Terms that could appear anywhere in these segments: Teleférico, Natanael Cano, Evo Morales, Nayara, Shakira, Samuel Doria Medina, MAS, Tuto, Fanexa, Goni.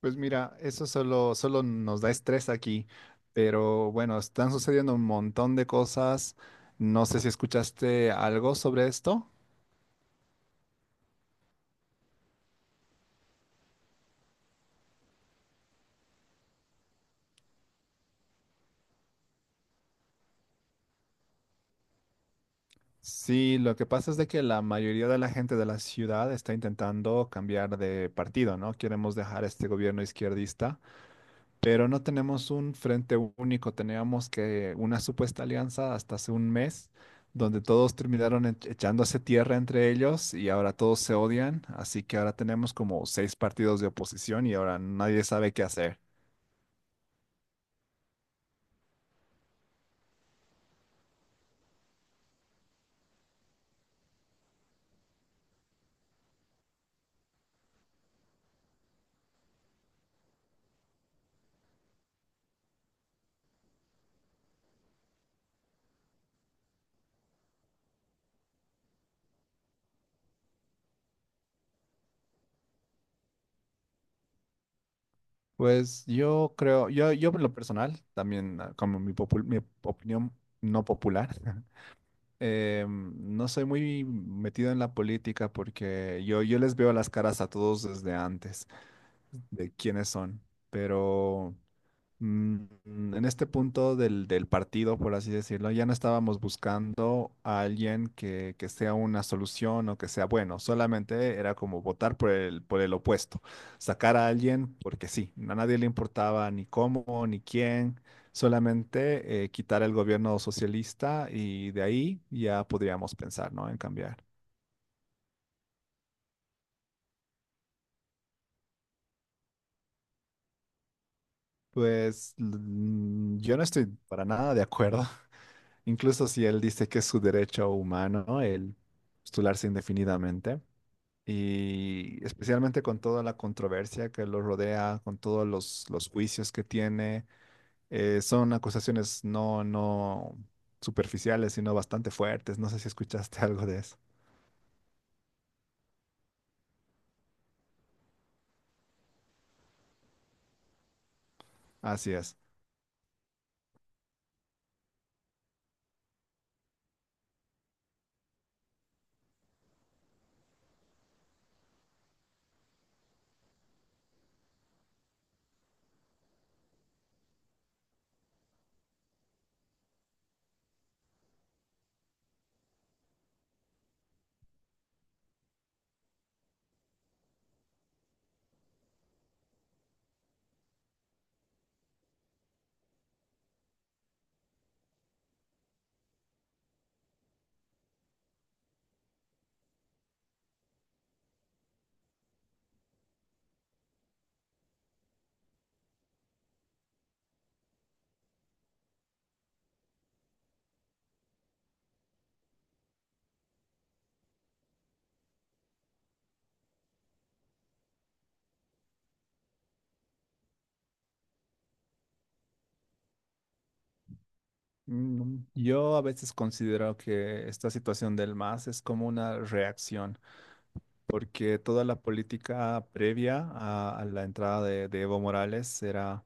Pues mira, eso solo nos da estrés aquí, pero bueno, están sucediendo un montón de cosas. No sé si escuchaste algo sobre esto. Sí, lo que pasa es de que la mayoría de la gente de la ciudad está intentando cambiar de partido, ¿no? Queremos dejar este gobierno izquierdista, pero no tenemos un frente único. Teníamos que una supuesta alianza hasta hace un mes, donde todos terminaron echándose tierra entre ellos, y ahora todos se odian. Así que ahora tenemos como seis partidos de oposición y ahora nadie sabe qué hacer. Pues yo creo, yo en lo personal, también como mi opinión no popular, no soy muy metido en la política porque yo les veo las caras a todos desde antes de quiénes son, pero Mm, en este punto del partido, por así decirlo, ya no estábamos buscando a alguien que sea una solución o que sea bueno, solamente era como votar por el opuesto, sacar a alguien porque sí, a nadie le importaba ni cómo ni quién, solamente quitar el gobierno socialista y de ahí ya podríamos pensar, ¿no?, en cambiar. Pues yo no estoy para nada de acuerdo. Incluso si él dice que es su derecho humano el postularse indefinidamente, y especialmente con toda la controversia que lo rodea, con todos los juicios que tiene, son acusaciones no superficiales, sino bastante fuertes. No sé si escuchaste algo de eso. Así es. Yo a veces considero que esta situación del MAS es como una reacción, porque toda la política previa a la entrada de Evo Morales era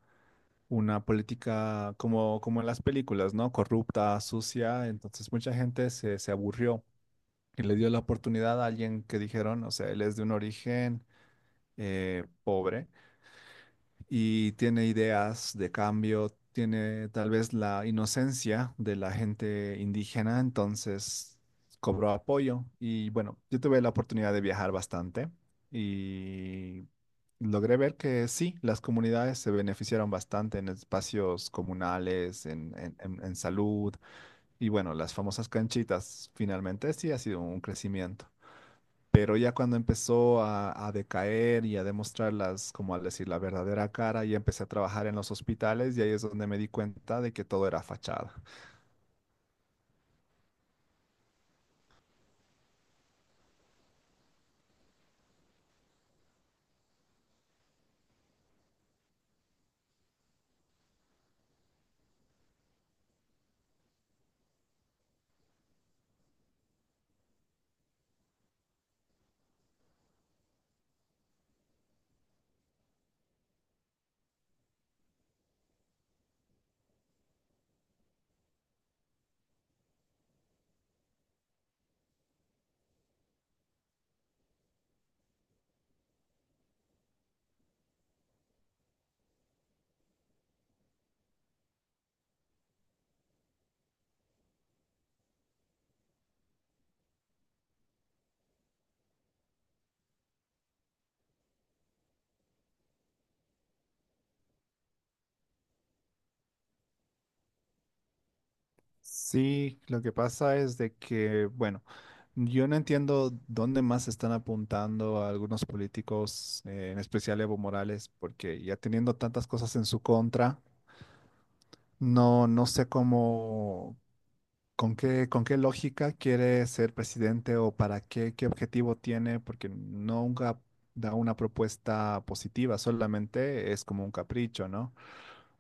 una política como, como en las películas, ¿no? Corrupta, sucia. Entonces mucha gente se aburrió y le dio la oportunidad a alguien que dijeron, o sea, él es de un origen pobre y tiene ideas de cambio, tiene tal vez la inocencia de la gente indígena. Entonces cobró apoyo y bueno, yo tuve la oportunidad de viajar bastante y logré ver que sí, las comunidades se beneficiaron bastante en espacios comunales, en, en salud, y bueno, las famosas canchitas finalmente sí ha sido un crecimiento. Pero ya cuando empezó a decaer y a demostrarlas como al decir, la verdadera cara, ya empecé a trabajar en los hospitales, y ahí es donde me di cuenta de que todo era fachada. Sí, lo que pasa es de que, bueno, yo no entiendo dónde más están apuntando a algunos políticos, en especial Evo Morales, porque ya teniendo tantas cosas en su contra, no sé cómo. Con qué lógica quiere ser presidente? O ¿para qué, qué objetivo tiene? Porque nunca da una propuesta positiva, solamente es como un capricho, ¿no?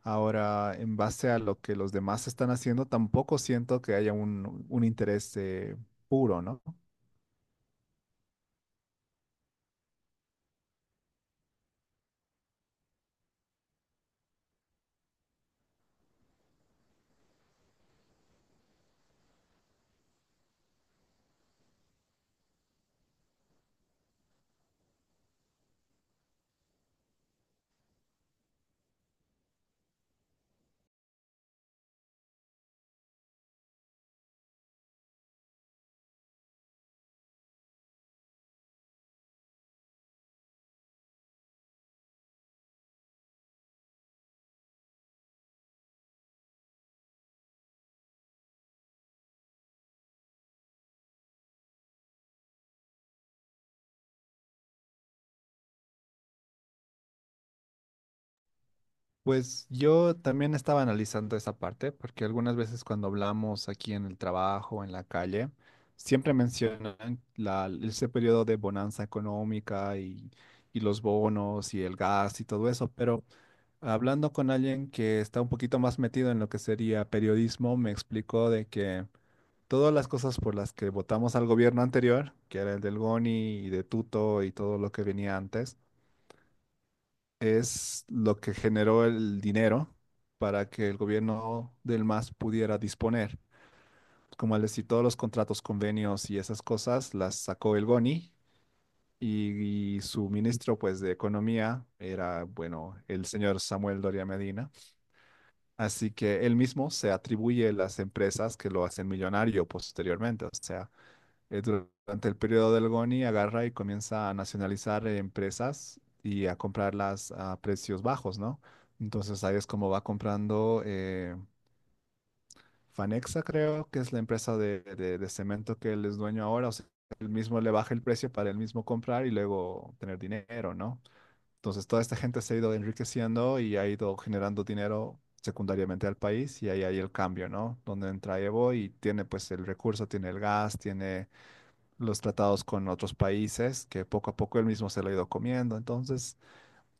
Ahora, en base a lo que los demás están haciendo, tampoco siento que haya un interés puro, ¿no? Pues yo también estaba analizando esa parte, porque algunas veces cuando hablamos aquí en el trabajo, o en la calle, siempre mencionan ese periodo de bonanza económica y los bonos y el gas y todo eso, pero hablando con alguien que está un poquito más metido en lo que sería periodismo, me explicó de que todas las cosas por las que votamos al gobierno anterior, que era el del Goni y de Tuto y todo lo que venía antes, es lo que generó el dinero para que el gobierno del MAS pudiera disponer. Como al decir, todos los contratos, convenios y esas cosas las sacó el GONI y su ministro pues de Economía era, bueno, el señor Samuel Doria Medina. Así que él mismo se atribuye las empresas que lo hacen millonario posteriormente. O sea, durante el periodo del Goni agarra y comienza a nacionalizar empresas y a comprarlas a precios bajos, ¿no? Entonces ahí es como va comprando Fanexa, creo que es la empresa de, de cemento que él es dueño ahora. O sea, él mismo le baja el precio para él mismo comprar y luego tener dinero, ¿no? Entonces toda esta gente se ha ido enriqueciendo y ha ido generando dinero secundariamente al país, y ahí hay el cambio, ¿no? Donde entra Evo y tiene pues el recurso, tiene el gas, tiene los tratados con otros países, que poco a poco él mismo se lo ha ido comiendo. Entonces,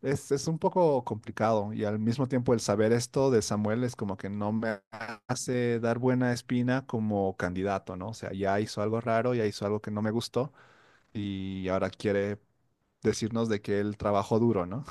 es un poco complicado, y al mismo tiempo el saber esto de Samuel es como que no me hace dar buena espina como candidato, ¿no? O sea, ya hizo algo raro, ya hizo algo que no me gustó, y ahora quiere decirnos de que él trabajó duro, ¿no?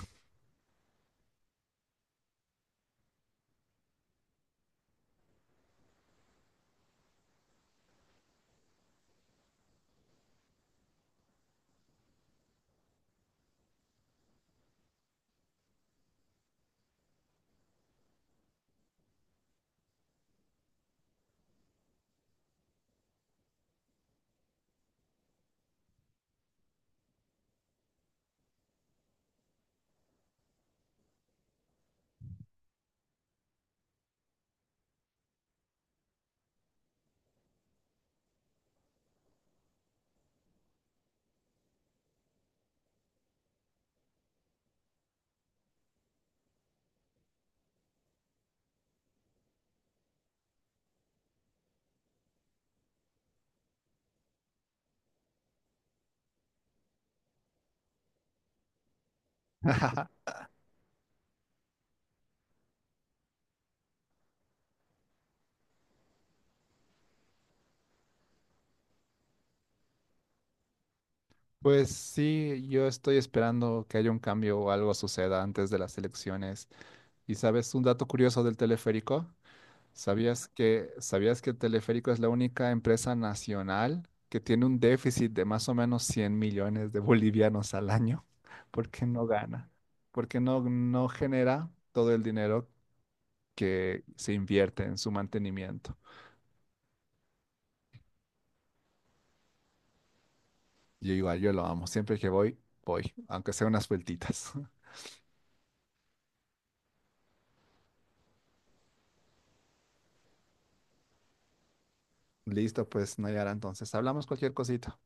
Pues sí, yo estoy esperando que haya un cambio o algo suceda antes de las elecciones. ¿Y sabes un dato curioso del teleférico? Sabías que Teleférico es la única empresa nacional que tiene un déficit de más o menos 100 millones de bolivianos al año? Porque no gana, porque no genera todo el dinero que se invierte en su mantenimiento. Yo igual, yo lo amo. Siempre que voy, voy, aunque sea unas vueltitas. Listo, pues Nayara, entonces hablamos cualquier cosita.